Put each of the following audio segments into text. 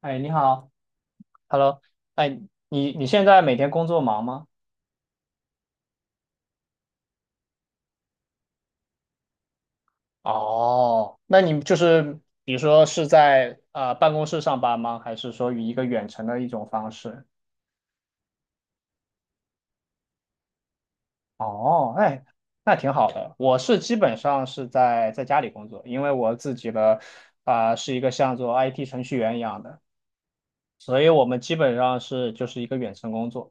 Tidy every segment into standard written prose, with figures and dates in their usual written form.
哎，你好。Hello，哎，你现在每天工作忙吗？哦，那你就是比如说是在办公室上班吗？还是说以一个远程的一种方式？哦，哎，那挺好的。我是基本上是在家里工作，因为我自己的是一个像做 IT 程序员一样的，所以我们基本上是就是一个远程工作。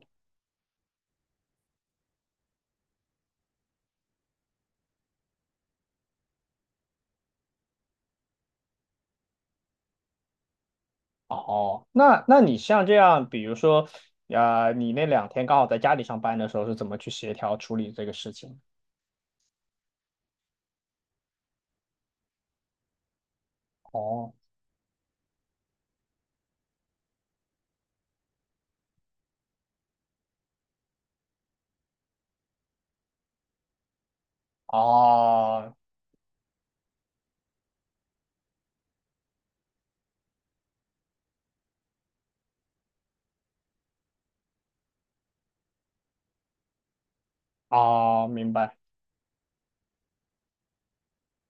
哦，那你像这样，比如说，你那两天刚好在家里上班的时候，是怎么去协调处理这个事情？哦，哦，哦，明白。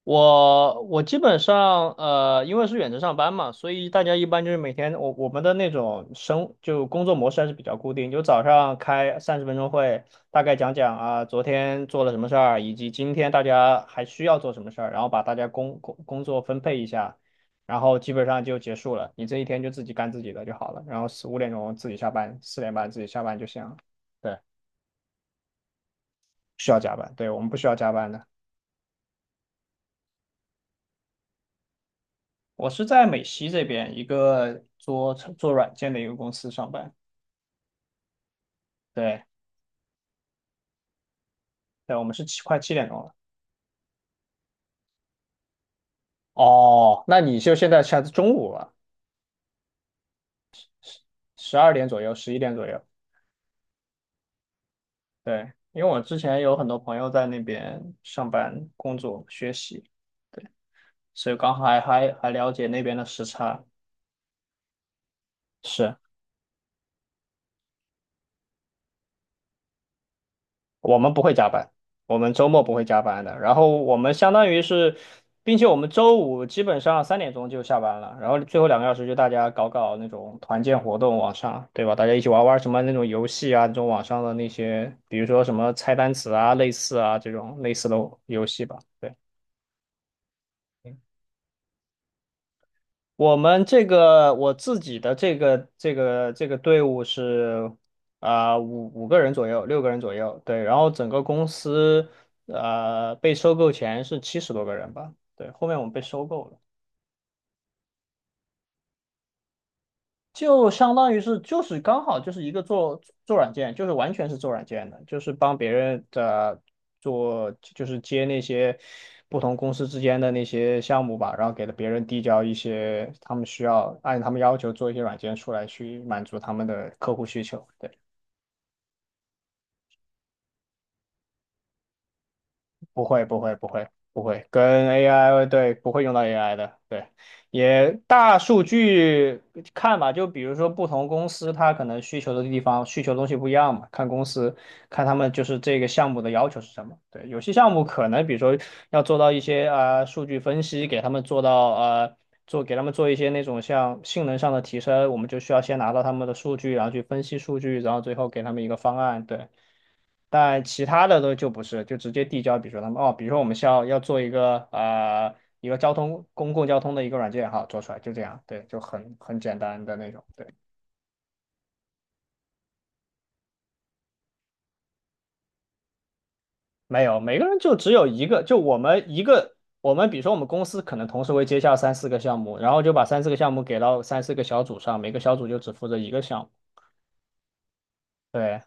我基本上因为是远程上班嘛，所以大家一般就是每天我们的那种就工作模式还是比较固定，就早上开30分钟会，大概讲讲啊昨天做了什么事儿，以及今天大家还需要做什么事儿，然后把大家工作分配一下，然后基本上就结束了，你这一天就自己干自己的就好了，然后四五点钟自己下班，4点半自己下班就行了，对，不需要加班，对我们不需要加班的。我是在美西这边一个做做软件的一个公司上班。对，对，我们是快7点钟了。哦，那你就现在中午了，12点左右，11点左右。对，因为我之前有很多朋友在那边上班、工作、学习，对，所以刚好还了解那边的时差。是。我们不会加班，我们周末不会加班的。然后我们相当于是，并且我们周五基本上3点钟就下班了，然后最后两个小时就大家搞搞那种团建活动，网上，对吧？大家一起玩玩什么那种游戏啊，那种网上的那些，比如说什么猜单词啊、类似啊这种类似的游戏吧。对。我们这个我自己的这个队伍是五个人左右，6个人左右，对。然后整个公司被收购前是70多个人吧，对。后面我们被收购了。就相当于是就是刚好就是一个做做软件，就是完全是做软件的，就是帮别人的做，就是接那些不同公司之间的那些项目吧，然后给了别人递交一些他们需要按他们要求做一些软件出来去满足他们的客户需求。对。不会，不会，不会，不会，跟 AI 对，不会用到 AI 的，对，也大数据看吧，就比如说不同公司它可能需求的地方需求的东西不一样嘛，看公司看他们就是这个项目的要求是什么，对，有些项目可能比如说要做到一些数据分析，给他们做到做给他们做一些那种像性能上的提升，我们就需要先拿到他们的数据，然后去分析数据，然后最后给他们一个方案，对。但其他的都就不是，就直接递交。比如说他们哦，比如说我们需要要做一个公共交通的一个软件，哈，做出来就这样，对，就很简单的那种。对，没有，每个人就只有一个，就我们一个，我们比如说我们公司可能同时会接下三四个项目，然后就把三四个项目给到三四个小组上，每个小组就只负责一个项目。对，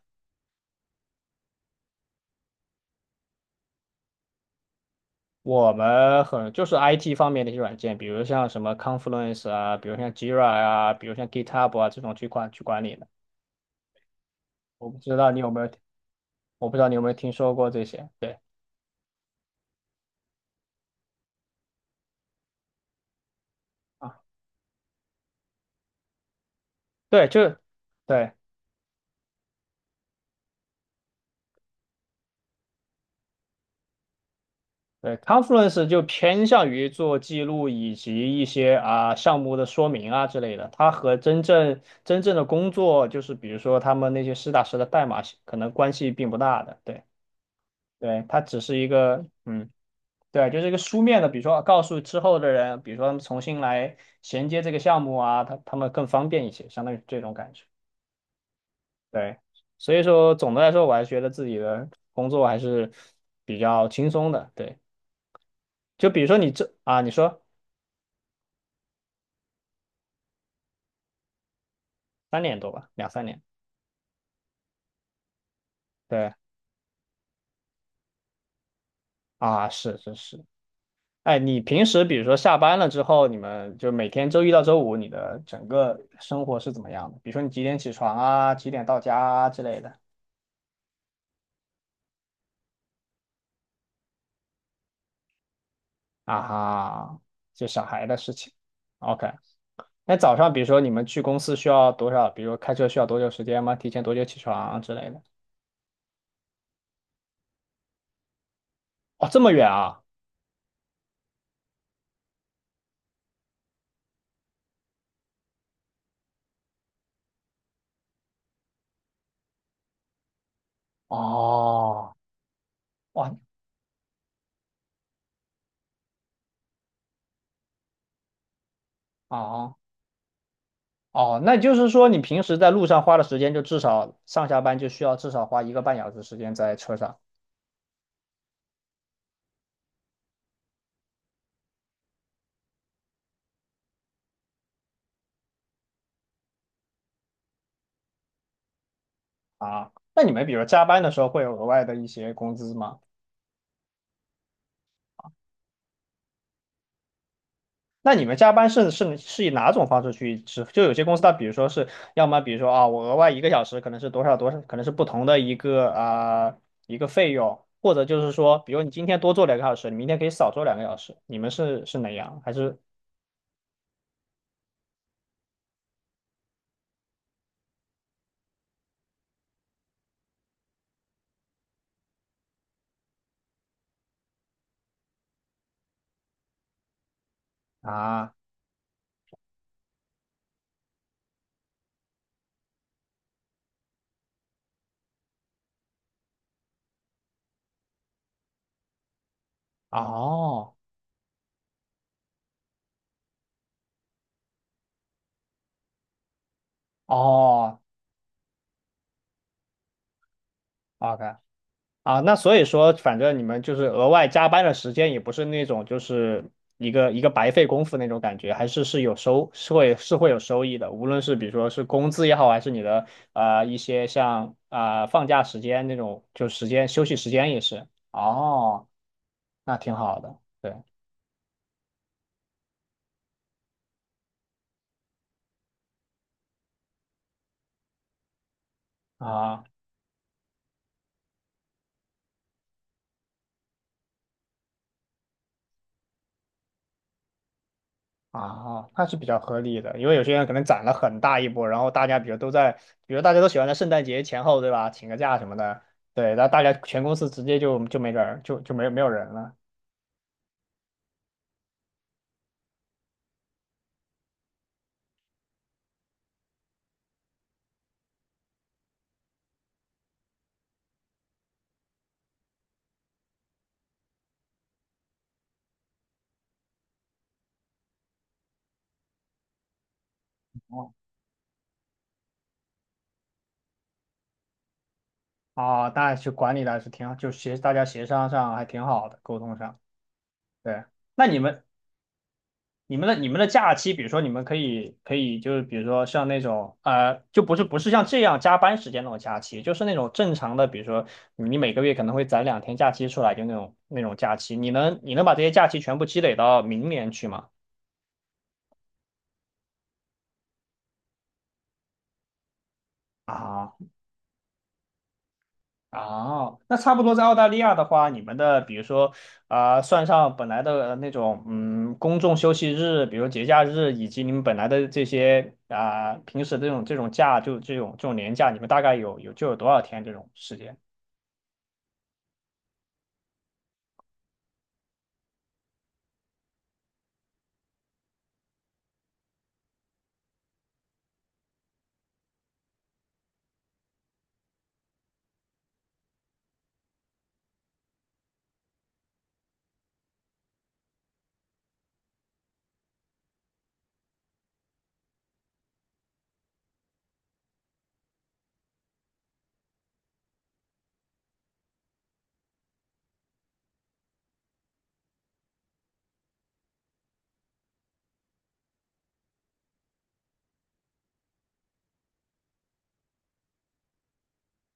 我们很就是 IT 方面的一些软件，比如像什么 Confluence 啊，比如像 Jira 啊，比如像 GitHub 啊这种去管理的。我不知道你有没有我不知道你有没有听说过这些。对啊，对，就对对 Conference 就偏向于做记录以及一些啊项目的说明啊之类的。它和真正真正的工作，就是比如说他们那些实打实的代码，可能关系并不大的。对对，它只是一个嗯。对，就是一个书面的，比如说告诉之后的人，比如说他们重新来衔接这个项目啊，他们更方便一些，相当于这种感觉。对，所以说总的来说，我还是觉得自己的工作还是比较轻松的。对，就比如说你这啊，你说3年多吧，两三年。对啊，是是是。哎，你平时比如说下班了之后，你们就每天周一到周五，你的整个生活是怎么样的？比如说你几点起床啊，几点到家啊之类的啊哈，就小孩的事情。OK，那早上比如说你们去公司需要多少？比如说开车需要多久时间吗？提前多久起床啊之类的？哦，这么远啊！哦，哇，哦，哦，那就是说你平时在路上花的时间，就至少上下班就需要至少花1个半小时时间在车上啊。那你们比如加班的时候会有额外的一些工资吗？那你们加班是以哪种方式去支付？就有些公司它比如说是要么比如说啊，我额外1个小时可能是多少多少，可能是不同的一个费用，或者就是说，比如你今天多做两个小时，你明天可以少做两个小时，你们是哪样？还是啊？哦哦，OK 啊，那所以说，反正你们就是额外加班的时间，也不是那种就是一个一个白费功夫那种感觉，还是有收，是会有收益的，无论是比如说是工资也好，还是你的一些像放假时间那种，就时间休息时间也是。哦，那挺好的，对啊。啊，那是比较合理的，因为有些人可能攒了很大一波，然后大家比如都在，比如大家都喜欢在圣诞节前后，对吧？请个假什么的，对，然后大家全公司直接就没人儿，就没有人了。哦，啊，那去管理的还是挺好，就大家协商上还挺好的，沟通上。对，那你们的假期，比如说你们可以就是比如说像那种，就不是像这样加班时间那种假期，就是那种正常的，比如说你每个月可能会攒两天假期出来，就那种假期，你能把这些假期全部积累到明年去吗？啊。哦，那差不多在澳大利亚的话，你们的比如说算上本来的那种公众休息日，比如节假日，以及你们本来的这些平时的这种假，就这种年假，你们大概有多少天这种时间？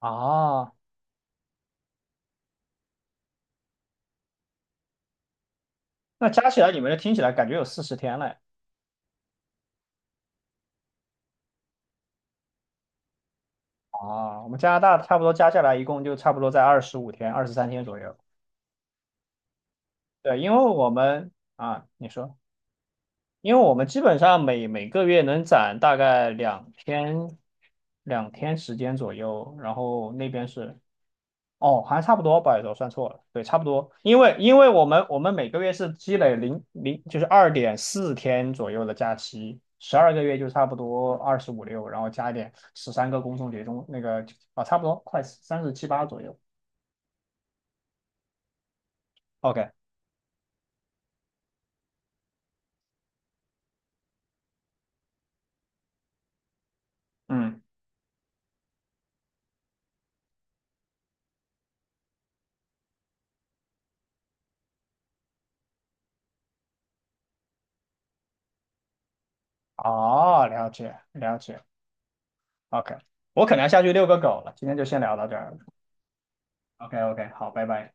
哦，那加起来你们这听起来感觉有40天嘞。哦，我们加拿大差不多加下来一共就差不多在25天、23天左右。对，因为我们啊，你说。因为我们基本上每个月能攒大概两天，两天时间左右，然后那边是，哦，好像差不多，不好意思，我算错了，对，差不多，因为我们每个月是积累就是2.4天左右的假期，12个月就差不多二十五六，然后加一点13个公众节中那个差不多快三十七八左右，OK，嗯，哦，了解了解，OK，我可能要下去遛个狗了，今天就先聊到这儿。OK OK，好，拜拜。